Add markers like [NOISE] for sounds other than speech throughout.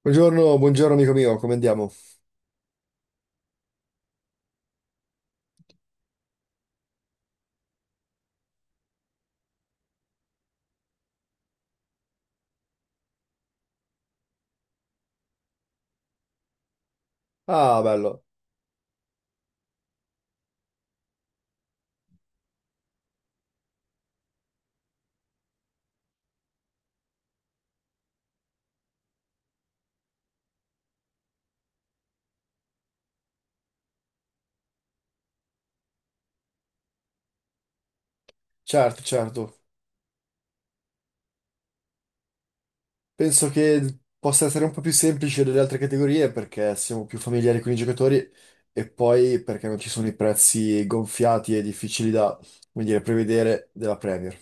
Buongiorno, buongiorno amico mio, come andiamo? Ah, bello. Certo, certo. Penso che possa essere un po' più semplice delle altre categorie perché siamo più familiari con i giocatori e poi perché non ci sono i prezzi gonfiati e difficili da, come dire, prevedere della Premier.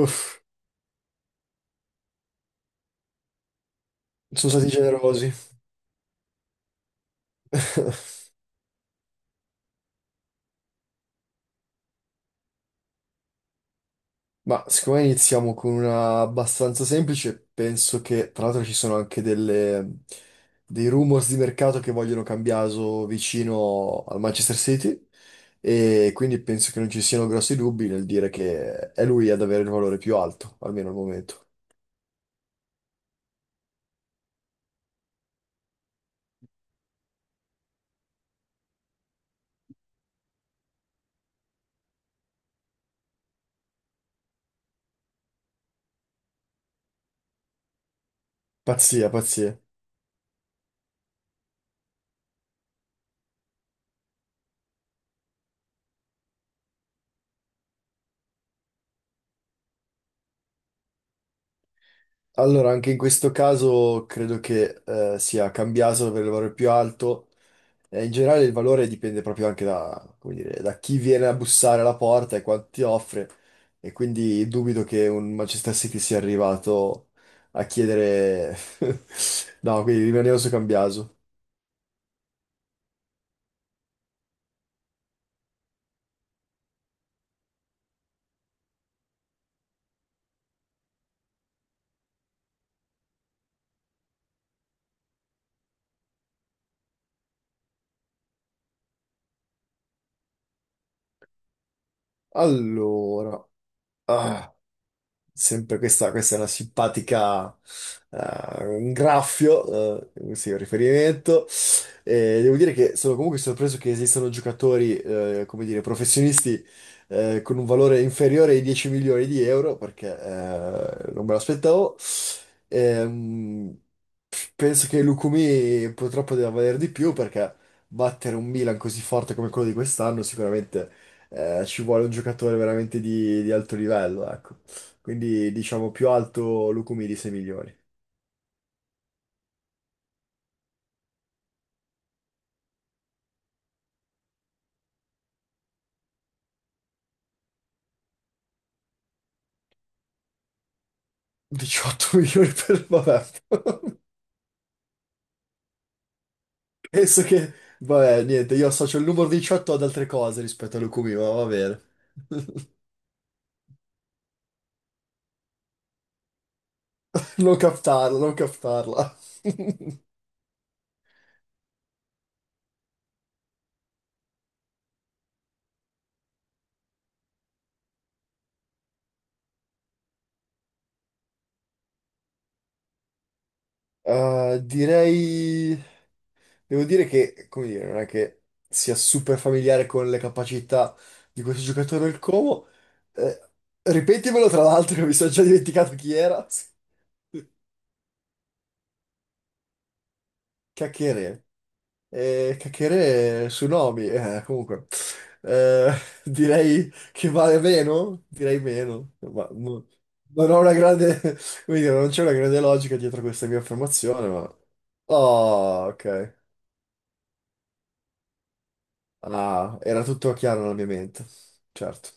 Uff, sono stati generosi. [LAUGHS] Ma siccome iniziamo con una abbastanza semplice, penso che tra l'altro ci sono anche dei rumors di mercato che vogliono Cambiaso vicino al Manchester City e quindi penso che non ci siano grossi dubbi nel dire che è lui ad avere il valore più alto, almeno al momento. Pazzia, pazzia. Allora, anche in questo caso credo che sia Cambiaso ad avere il valore più alto. In generale il valore dipende proprio anche da, come dire, da chi viene a bussare alla porta e quanto ti offre e quindi dubito che un Manchester City sia arrivato a chiedere... [LAUGHS] No, quindi rimanevo su Cambiaso. Allora, ah, sempre questa è una simpatica, un graffio, sì, un riferimento. Devo dire che sono comunque sorpreso che esistano giocatori, come dire, professionisti, con un valore inferiore ai 10 milioni di euro, perché non me l'aspettavo. Ehm, Penso che Lukumi purtroppo debba valere di più, perché battere un Milan così forte come quello di quest'anno sicuramente ci vuole un giocatore veramente di alto livello, ecco. Quindi diciamo più alto Lukumi di 6 milioni. [LAUGHS] 18 milioni per... Vabbè. Penso che, vabbè, niente, io associo il numero 18 ad altre cose rispetto all'Ukumi, ma va bene. [LAUGHS] Non captarla, non captarla. [LAUGHS] Eh, direi, devo dire che, come dire, non è che sia super familiare con le capacità di questo giocatore del Como. Eh, ripetimelo, tra l'altro, che mi sono già dimenticato chi era. [LAUGHS] Cacchiere. E chiacchiere sui nomi, comunque. Eh, [LAUGHS] direi che vale meno? Direi meno, non ho una grande, [LAUGHS] come dire, non c'è una grande logica dietro questa mia affermazione, ma... Oh, ok. Ah, era tutto chiaro nella mia mente, certo.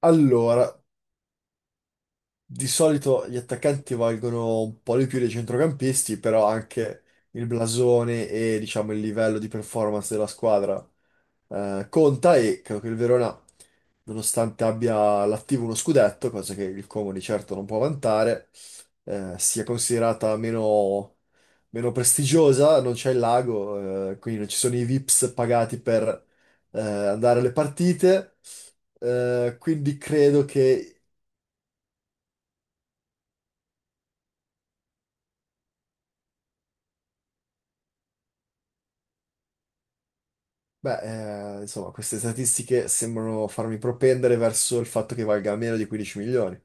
Allora, di solito gli attaccanti valgono un po' di più dei centrocampisti, però anche il blasone e, diciamo, il livello di performance della squadra conta e credo che il Verona, nonostante abbia l'attivo uno scudetto, cosa che il Como di certo non può vantare, sia considerata meno, meno prestigiosa, non c'è il lago, quindi non ci sono i VIPs pagati per andare alle partite, eh, quindi credo che, beh, insomma, queste statistiche sembrano farmi propendere verso il fatto che valga meno di 15 milioni.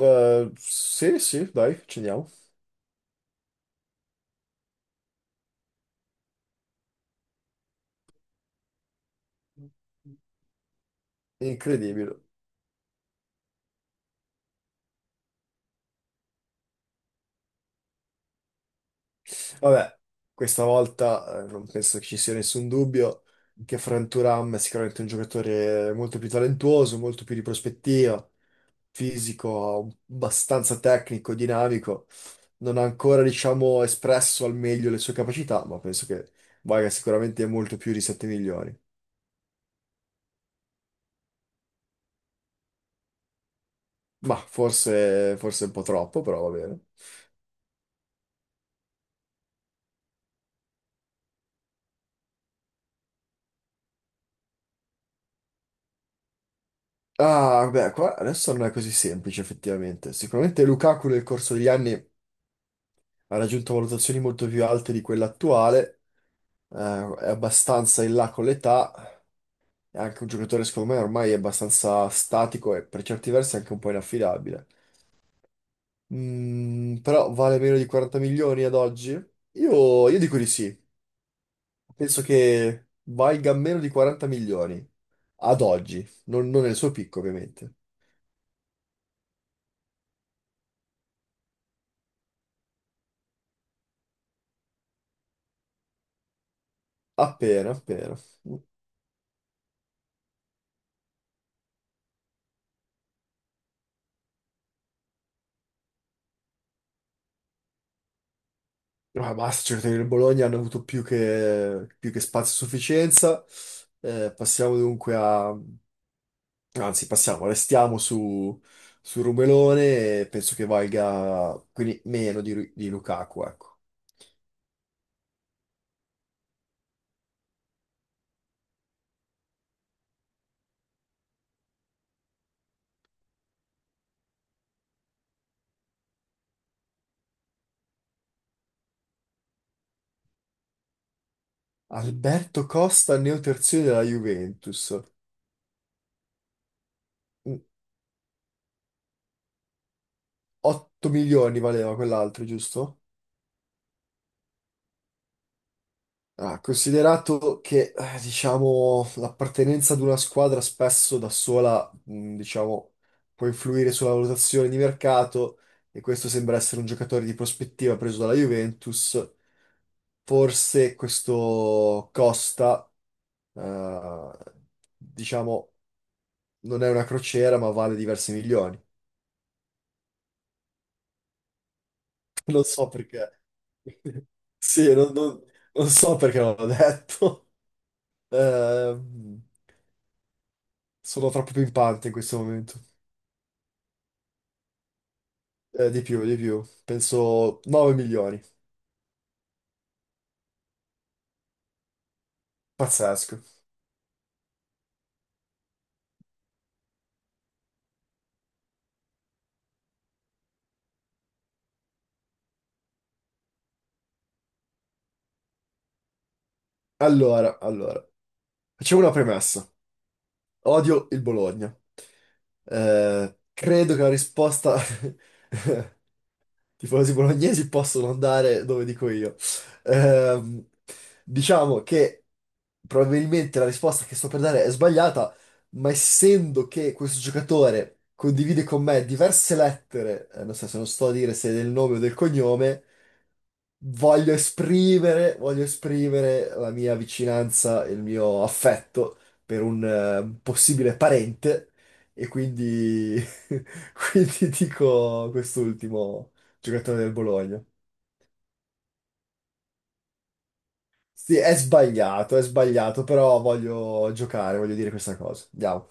Sì, sì, dai, ci andiamo. Incredibile. Vabbè, questa volta non penso che ci sia nessun dubbio che Frank Thuram è sicuramente un giocatore molto più talentuoso, molto più di prospettiva, fisico, abbastanza tecnico, dinamico. Non ha ancora, diciamo, espresso al meglio le sue capacità, ma penso che valga sicuramente molto più di 7 milioni. Ma forse, forse un po' troppo, però va bene. Ah, beh, qua adesso non è così semplice effettivamente. Sicuramente Lukaku nel corso degli anni ha raggiunto valutazioni molto più alte di quella attuale è abbastanza in là con l'età, è anche un giocatore secondo me ormai è abbastanza statico e per certi versi anche un po' inaffidabile. Mm, però vale meno di 40 milioni ad oggi? Io dico di sì, penso che valga meno di 40 milioni ad oggi, non nel suo picco ovviamente, appena, appena. Ma basta, i giocatori del Bologna hanno avuto più che spazio a sufficienza. Passiamo dunque a Anzi, passiamo, restiamo su, su Rumelone e penso che valga quindi meno di, di Lukaku, ecco. Alberto Costa, neoterzione della Juventus. Mm, 8 milioni valeva quell'altro, giusto? Ah, considerato che, diciamo, l'appartenenza ad una squadra spesso da sola, mm, diciamo, può influire sulla valutazione di mercato e questo sembra essere un giocatore di prospettiva preso dalla Juventus. Forse questo costa, eh, diciamo, non è una crociera, ma vale diversi milioni. [LAUGHS] Non so perché. [LAUGHS] Sì, non so perché non l'ho detto. [LAUGHS] Eh, sono troppo pimpante in questo momento. Di più, di più. Penso 9 milioni. Pazzesco. Allora, facciamo una premessa. Odio il Bologna. Credo che la risposta [LAUGHS] tifosi bolognesi possono andare dove dico io. Ehm, diciamo che probabilmente la risposta che sto per dare è sbagliata, ma essendo che questo giocatore condivide con me diverse lettere, nel senso non sto a dire se è del nome o del cognome, voglio esprimere la mia vicinanza e il mio affetto per un possibile parente e quindi, [LAUGHS] quindi dico quest'ultimo giocatore del Bologna. Sì, è sbagliato, però voglio giocare, voglio dire questa cosa. Andiamo.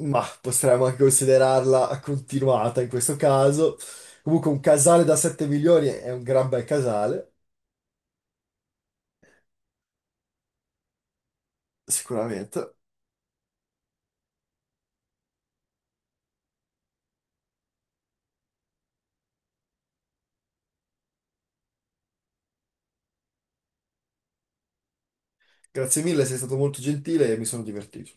Ma potremmo anche considerarla continuata in questo caso. Comunque un casale da 7 milioni è un gran bel casale, sicuramente. Grazie mille, sei stato molto gentile e mi sono divertito.